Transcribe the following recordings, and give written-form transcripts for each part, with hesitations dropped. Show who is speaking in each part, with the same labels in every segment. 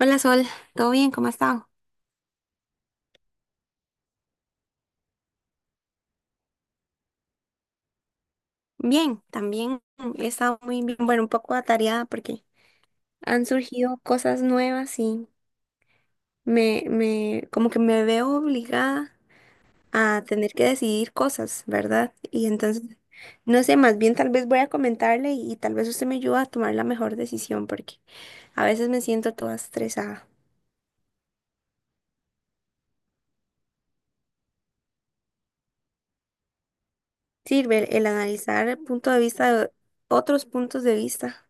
Speaker 1: Hola Sol, ¿todo bien? ¿Cómo has estado? Bien, también he estado muy bien, bueno, un poco atareada porque han surgido cosas nuevas y como que me veo obligada a tener que decidir cosas, ¿verdad? Y entonces, no sé, más bien tal vez voy a comentarle y tal vez usted me ayuda a tomar la mejor decisión porque a veces me siento toda estresada. Sirve el analizar el punto de vista de otros puntos de vista,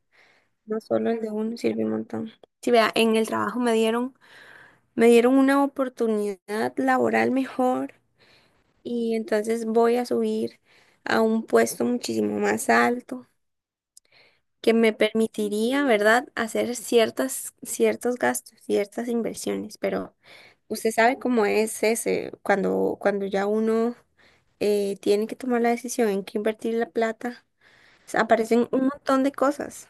Speaker 1: no solo el de uno, sirve un montón. Sí, vea, en el trabajo me dieron me dieron una oportunidad laboral mejor y entonces voy a subir a un puesto muchísimo más alto que me permitiría, ¿verdad?, hacer ciertos gastos, ciertas inversiones. Pero usted sabe cómo es ese, cuando ya uno tiene que tomar la decisión en qué invertir la plata, o sea, aparecen un montón de cosas.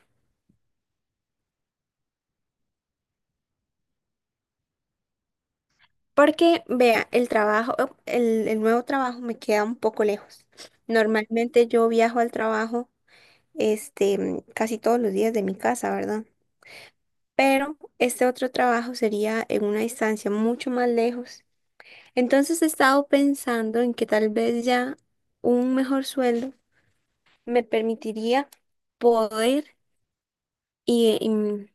Speaker 1: Porque, vea, el nuevo trabajo me queda un poco lejos. Normalmente yo viajo al trabajo casi todos los días de mi casa, ¿verdad? Pero este otro trabajo sería en una distancia mucho más lejos. Entonces he estado pensando en que tal vez ya un mejor sueldo me permitiría poder y, y mm,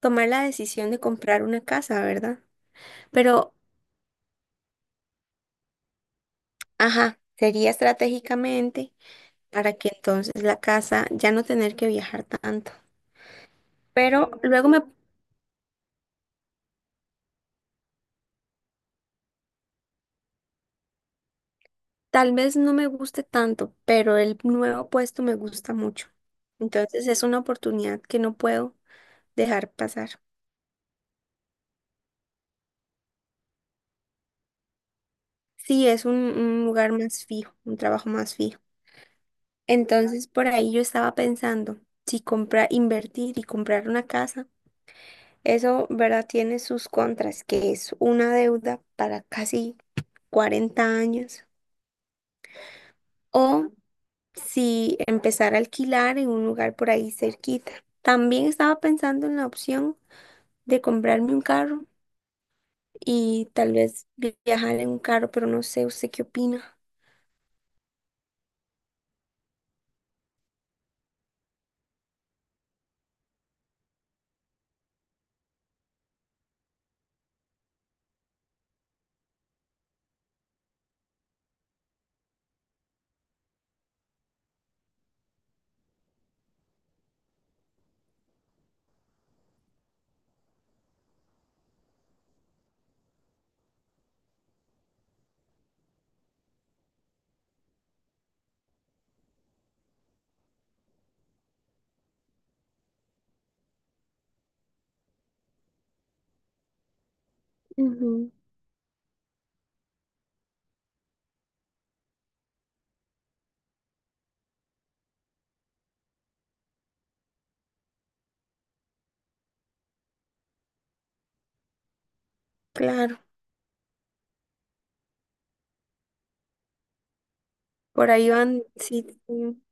Speaker 1: tomar la decisión de comprar una casa, ¿verdad? Pero, ajá, sería estratégicamente para que entonces la casa ya no tener que viajar tanto. Pero luego me Tal vez no me guste tanto, pero el nuevo puesto me gusta mucho. Entonces es una oportunidad que no puedo dejar pasar. Sí, es un lugar más fijo, un trabajo más fijo. Entonces por ahí yo estaba pensando, si comprar, invertir y comprar una casa, eso, ¿verdad? Tiene sus contras, que es una deuda para casi 40 años. O si empezar a alquilar en un lugar por ahí cerquita. También estaba pensando en la opción de comprarme un carro y tal vez viajar en un carro, pero no sé, ¿usted qué opina? Ujú. Claro, por ahí van, sí, sí,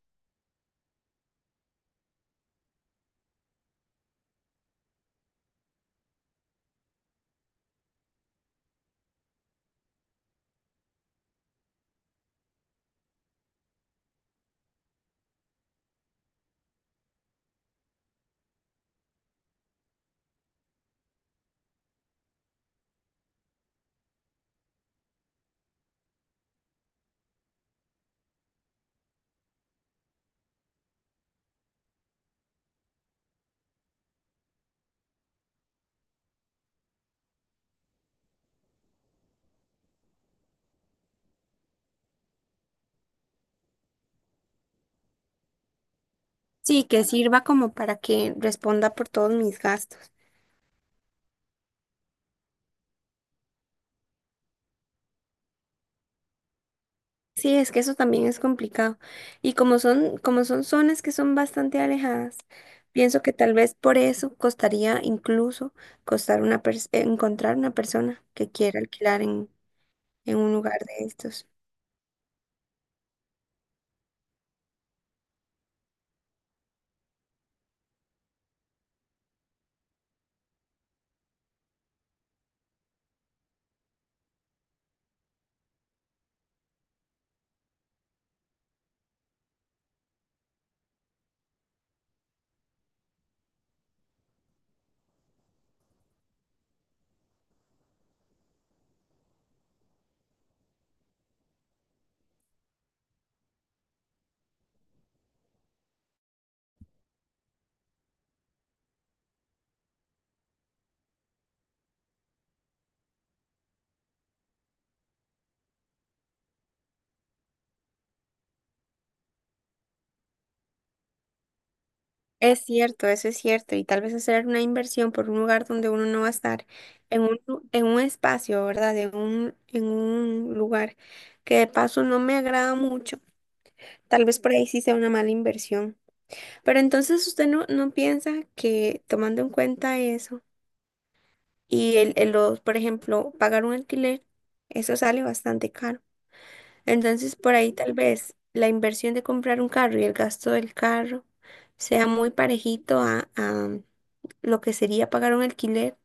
Speaker 1: sí, que sirva como para que responda por todos mis gastos. Sí, es que eso también es complicado. Y como son zonas que son bastante alejadas, pienso que tal vez por eso costaría incluso costar una pers- encontrar una persona que quiera alquilar en un lugar de estos. Es cierto, eso es cierto, y tal vez hacer una inversión por un lugar donde uno no va a estar, en un espacio, ¿verdad? En un lugar que de paso no me agrada mucho, tal vez por ahí sí sea una mala inversión. Pero entonces usted no piensa que tomando en cuenta eso y por ejemplo, pagar un alquiler, eso sale bastante caro. Entonces, por ahí tal vez la inversión de comprar un carro y el gasto del carro sea muy parejito a lo que sería pagar un alquiler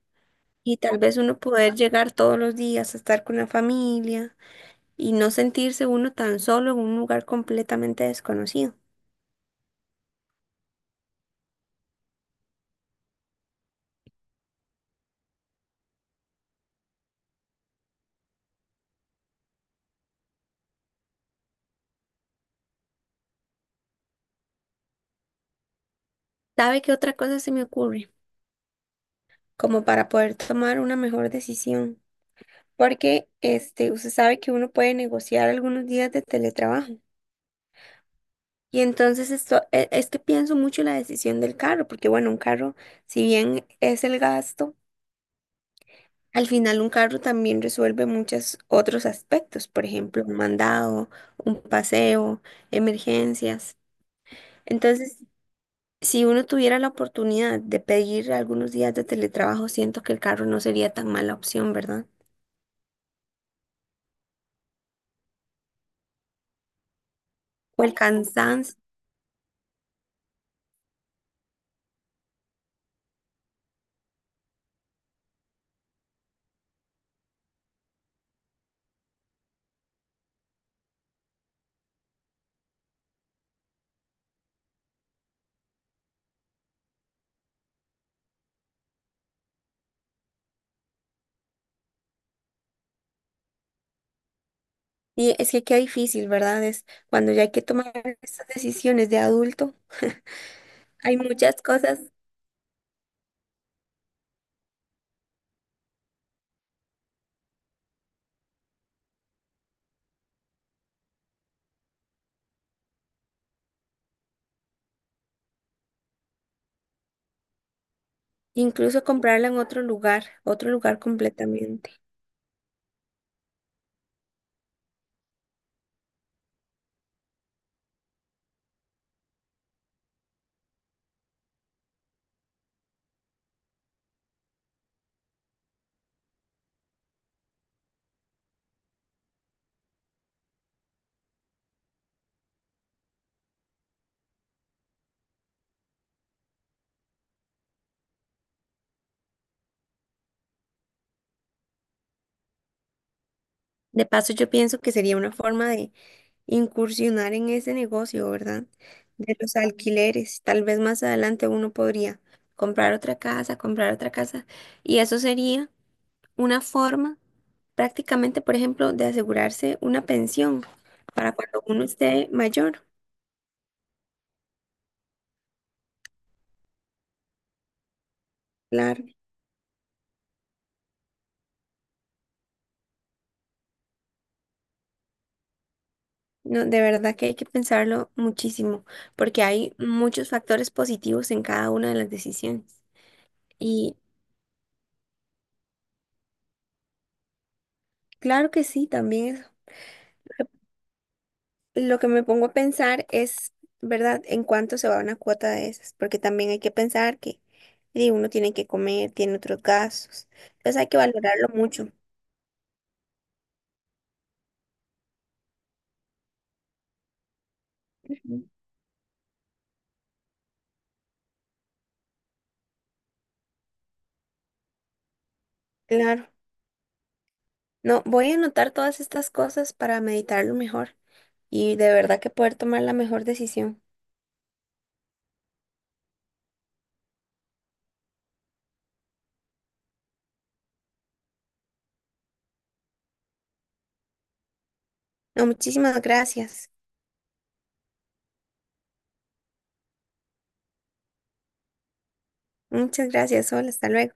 Speaker 1: y tal vez uno poder llegar todos los días a estar con la familia y no sentirse uno tan solo en un lugar completamente desconocido. ¿Sabe qué otra cosa se me ocurre? Como para poder tomar una mejor decisión. Porque este, usted sabe que uno puede negociar algunos días de teletrabajo. Y entonces es que pienso mucho en la decisión del carro, porque bueno, un carro, si bien es el gasto, al final un carro también resuelve muchos otros aspectos, por ejemplo, un mandado, un paseo, emergencias. Entonces, si uno tuviera la oportunidad de pedir algunos días de teletrabajo, siento que el carro no sería tan mala opción, ¿verdad? O el cansancio. Y es que qué difícil, ¿verdad? Es cuando ya hay que tomar estas decisiones de adulto, hay muchas cosas. Incluso comprarla en otro lugar completamente. De paso, yo pienso que sería una forma de incursionar en ese negocio, ¿verdad? De los alquileres. Tal vez más adelante uno podría comprar otra casa, comprar otra casa. Y eso sería una forma prácticamente, por ejemplo, de asegurarse una pensión para cuando uno esté mayor. Claro. No, de verdad que hay que pensarlo muchísimo, porque hay muchos factores positivos en cada una de las decisiones. Y Claro que sí, también lo que me pongo a pensar es, ¿verdad?, en cuánto se va una cuota de esas, porque también hay que pensar que di, uno tiene que comer, tiene otros gastos, entonces hay que valorarlo mucho. Ujú. Claro. No, voy a anotar todas estas cosas para meditarlo mejor y de verdad que poder tomar la mejor decisión. No, muchísimas gracias. Muchas gracias, Sol. Hasta luego.